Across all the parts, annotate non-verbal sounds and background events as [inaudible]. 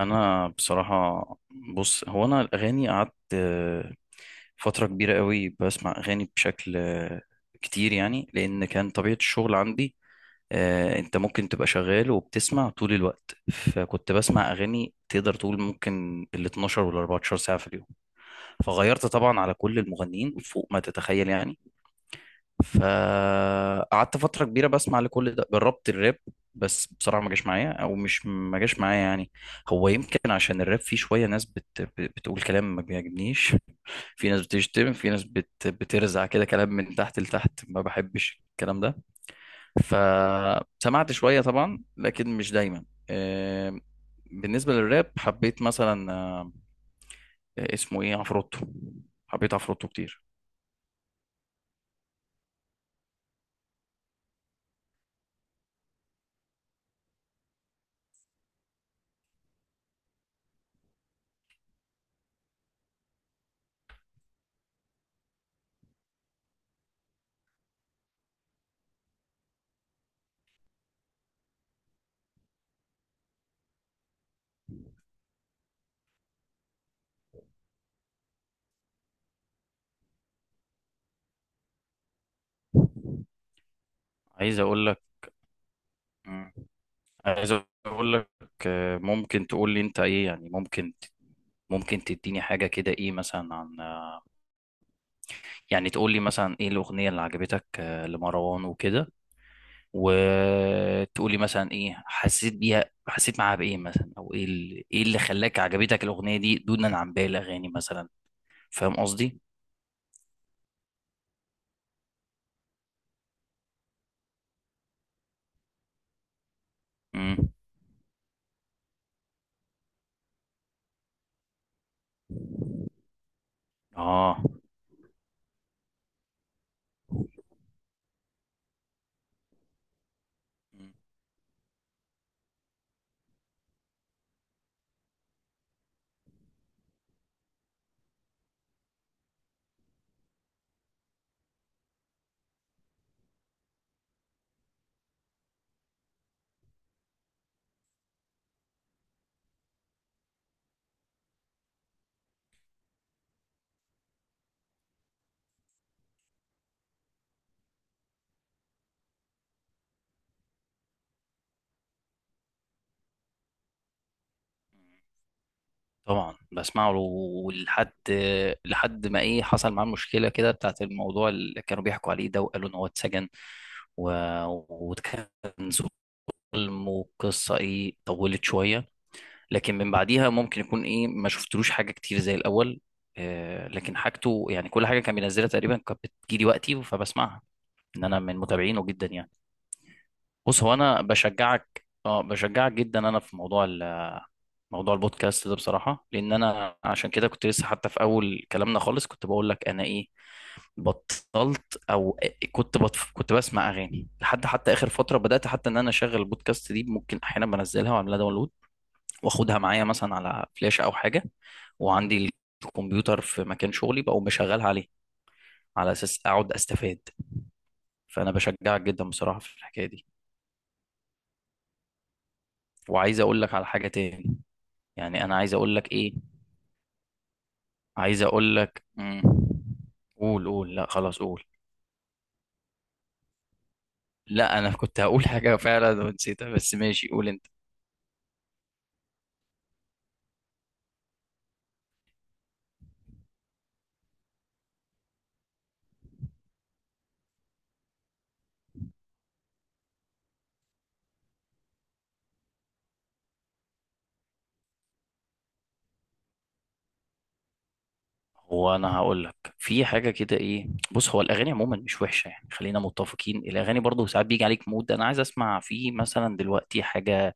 انا بصراحه. بص هو الاغاني قعدت فتره كبيره قوي بسمع اغاني بشكل كتير يعني، لان كان طبيعه الشغل عندي. انت ممكن تبقى شغال وبتسمع طول الوقت، فكنت بسمع اغاني تقدر تقول ممكن ال 12 وال 14 ساعه في اليوم. فغيرت طبعا على كل المغنيين فوق ما تتخيل يعني. فقعدت فترة كبيرة بسمع لكل ده. جربت الراب، بس بصراحة ما جاش معايا، او مش ما جاش معايا يعني. هو يمكن عشان الراب فيه شوية ناس بتقول كلام ما بيعجبنيش. في ناس بتشتم، في ناس بترزع كده كلام من تحت لتحت، ما بحبش الكلام ده. فسمعت شوية طبعا لكن مش دايما. آه، بالنسبة للراب حبيت مثلا اسمه ايه، عفروتو. حبيت عفروتو كتير. عايز اقول لك عايز اقول لك ممكن تقول لي انت ايه يعني؟ ممكن ممكن تديني حاجه كده، ايه مثلا عن يعني تقول لي مثلا ايه الاغنيه اللي عجبتك لمروان وكده، وتقول لي مثلا ايه حسيت بيها، حسيت معاها بايه مثلا، او ايه اللي ايه اللي خلاك عجبتك الاغنيه دي دونا عن باقي الاغاني مثلا. فاهم قصدي؟ امم اه. إمم. طبعا بسمعه، ولحد لحد ما ايه حصل معاه مشكله كده بتاعت الموضوع اللي كانوا بيحكوا عليه ده، وقالوا ان هو اتسجن. و... وكان ظلم، وقصه ايه طولت شويه، لكن من بعديها ممكن يكون ايه ما شفتلوش حاجه كتير زي الاول. آه، لكن حاجته يعني كل حاجه كان بينزلها تقريبا كانت بتجيلي وقتي فبسمعها، ان انا من متابعينه جدا يعني. بص، هو انا بشجعك، اه بشجعك جدا انا، في موضوع موضوع البودكاست ده بصراحه. لان انا عشان كده كنت لسه حتى في اول كلامنا خالص كنت بقول لك انا ايه، بطلت او كنت بطف، كنت بسمع اغاني لحد حتى اخر فتره. بدات حتى ان انا اشغل البودكاست دي، ممكن احيانا بنزلها واعملها داونلود، واخدها معايا مثلا على فلاشه او حاجه، وعندي الكمبيوتر في مكان شغلي بقوم بشغلها عليه على اساس اقعد استفاد. فانا بشجعك جدا بصراحه في الحكايه دي. وعايز اقول لك على حاجه تاني. يعني انا عايز اقول لك ايه، عايز اقول لك قول قول، لا خلاص قول. لا انا كنت هقول حاجه فعلا ونسيتها، بس ماشي قول انت. هو انا هقول لك في حاجه كده ايه. بص هو الاغاني عموما مش وحشه يعني، خلينا متفقين. الاغاني برضو ساعات بيجي عليك مود انا عايز اسمع فيه مثلا دلوقتي حاجه،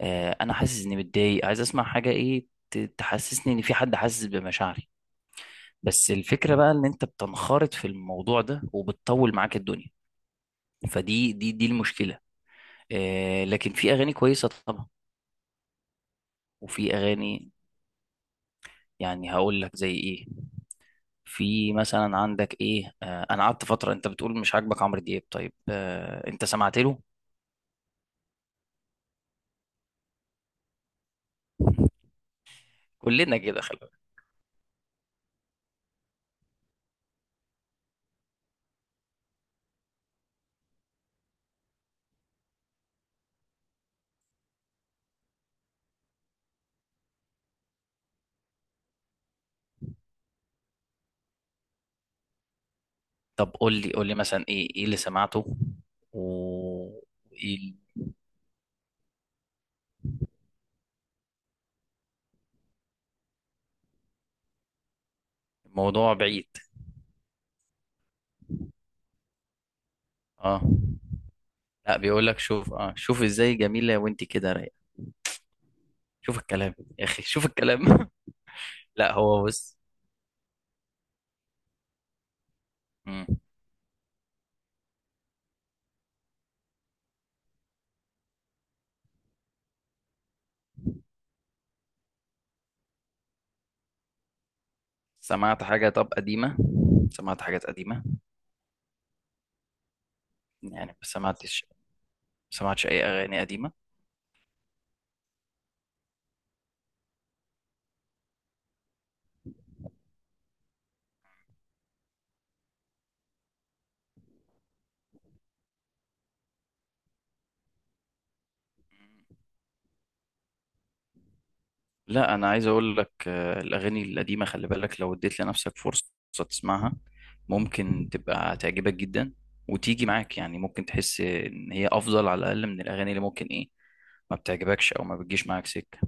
آه انا حاسس اني متضايق عايز اسمع حاجه ايه تحسسني ان في حد حاسس بمشاعري. بس الفكره بقى ان انت بتنخرط في الموضوع ده وبتطول معاك الدنيا، فدي دي دي المشكله. آه لكن في اغاني كويسه طبعا، وفي اغاني، يعني هقول لك زي ايه. في مثلا عندك ايه، آه انا قعدت فتره، انت بتقول مش عاجبك عمرو دياب، طيب آه انت سمعت له. [laughs] كلنا كده خلي بالك. طب قول لي مثلا ايه، ايه اللي سمعته و إيه؟ الموضوع بعيد اه. لا بيقول لك شوف اه، شوف ازاي جميله وانت كده رايقه. شوف الكلام يا اخي، شوف الكلام. [laughs] لا هو بص. مم. سمعت حاجه طب قديمه؟ سمعت حاجات قديمه؟ يعني ما سمعتش، ما سمعتش اي اغاني قديمه؟ لا انا عايز اقول لك، الاغاني القديمه خلي بالك، لو اديت لنفسك فرصه تسمعها ممكن تبقى تعجبك جدا، وتيجي معاك يعني، ممكن تحس ان هي افضل على الاقل من الاغاني اللي ممكن ايه ما بتعجبكش او ما بتجيش معاك سكه.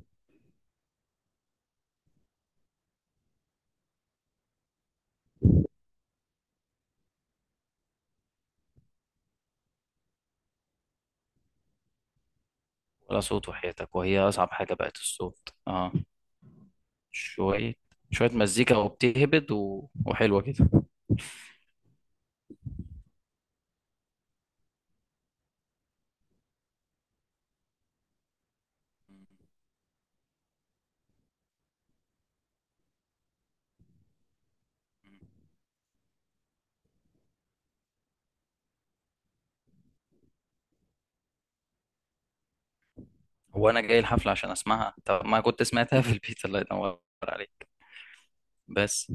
ولا صوت وحياتك، وهي اصعب حاجه بقت الصوت اه. شويه، شويه مزيكا وبتهبد، وحلوه كده. هو انا جاي الحفله عشان اسمعها؟ طب ما كنت سمعتها في البيت، الله ينور عليك. بس.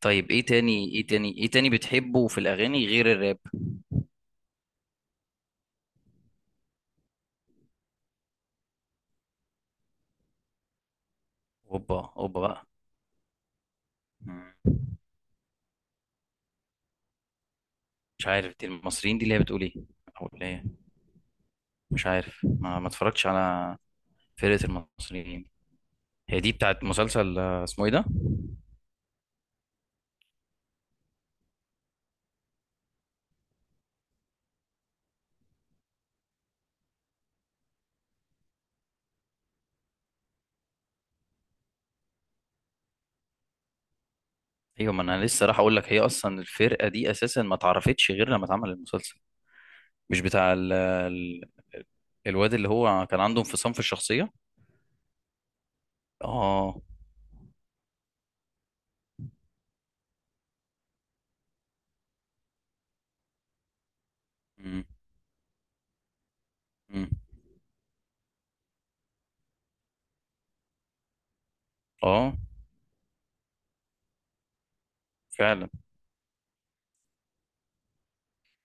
طيب ايه تاني، ايه تاني، ايه تاني بتحبه في الاغاني غير الراب؟ اوبا اوبا بقى. مم. مش عارف، دي المصريين دي اللي هي بتقول ايه؟ او اللي هي مش عارف، ما اتفرجتش على فرقة المصريين. هي دي بتاعت مسلسل اسمه ايه ده؟ ايوه، ما انا لسه راح اقول لك، هي اصلا الفرقة دي اساسا ما اتعرفتش غير لما اتعمل المسلسل. مش بتاع الواد اللي هو كان عنده انفصام في الشخصية؟ اه. مم. مم. اه فعلا.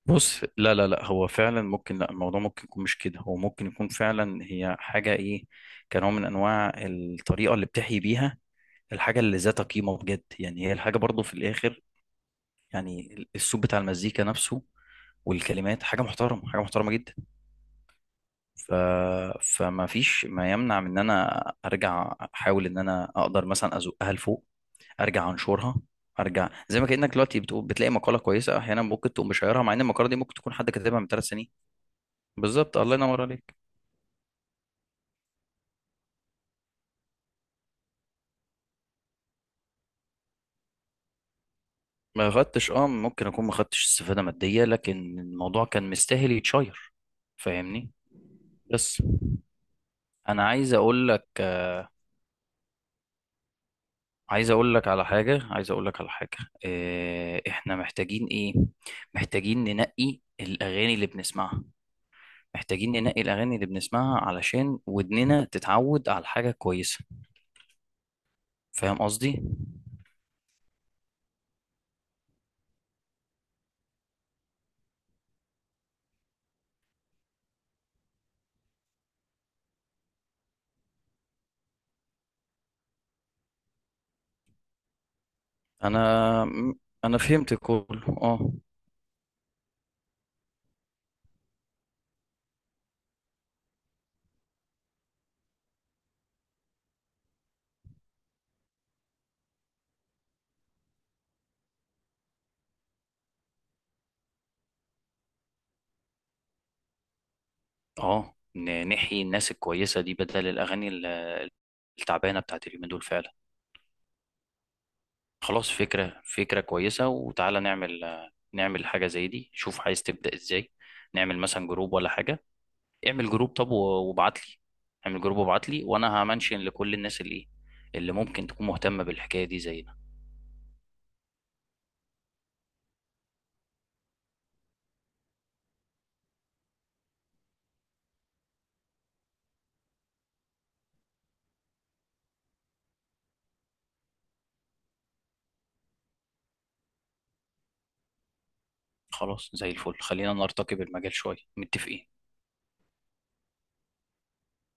بص، لا لا لا، هو فعلا ممكن، لا الموضوع ممكن يكون مش كده. هو ممكن يكون فعلا هي حاجة ايه، كنوع من انواع الطريقة اللي بتحيي بيها الحاجة اللي ذات قيمة بجد. يعني هي الحاجة برضو في الاخر، يعني الصوت بتاع المزيكا نفسه، والكلمات حاجة محترمة، حاجة محترمة جدا. ف... فما فيش ما يمنع من ان انا ارجع احاول ان انا اقدر مثلا ازقها لفوق، ارجع انشرها، ارجع زي ما كانك دلوقتي بتقول بتلاقي مقاله كويسه احيانا ممكن تقوم مشيرها، مع ان المقاله دي ممكن تكون حد كاتبها من 3 سنين. بالظبط، الله ينور عليك. ما خدتش اه، ممكن اكون ما خدتش استفاده ماديه، لكن الموضوع كان مستاهل يتشير. فاهمني؟ بس انا عايز اقول لك، عايز اقول لك على حاجه عايز اقول لك على حاجه احنا محتاجين ايه، محتاجين ننقي الاغاني اللي بنسمعها. محتاجين ننقي الاغاني اللي بنسمعها علشان ودننا تتعود على حاجه كويسه. فاهم قصدي؟ انا انا فهمت كله اه. اه، نحيي الناس الكويسه دي بدل الاغاني التعبانه بتاعت اليومين دول فعلا. خلاص، فكره كويسه، وتعالى نعمل حاجه زي دي. شوف عايز تبدا ازاي، نعمل مثلا جروب ولا حاجه؟ اعمل جروب، طب وابعت لي، اعمل جروب وابعت لي وانا همنشن لكل الناس اللي ممكن تكون مهتمه بالحكايه دي زينا. خلاص، زي الفل، خلينا نرتقي بالمجال شويه. متفقين؟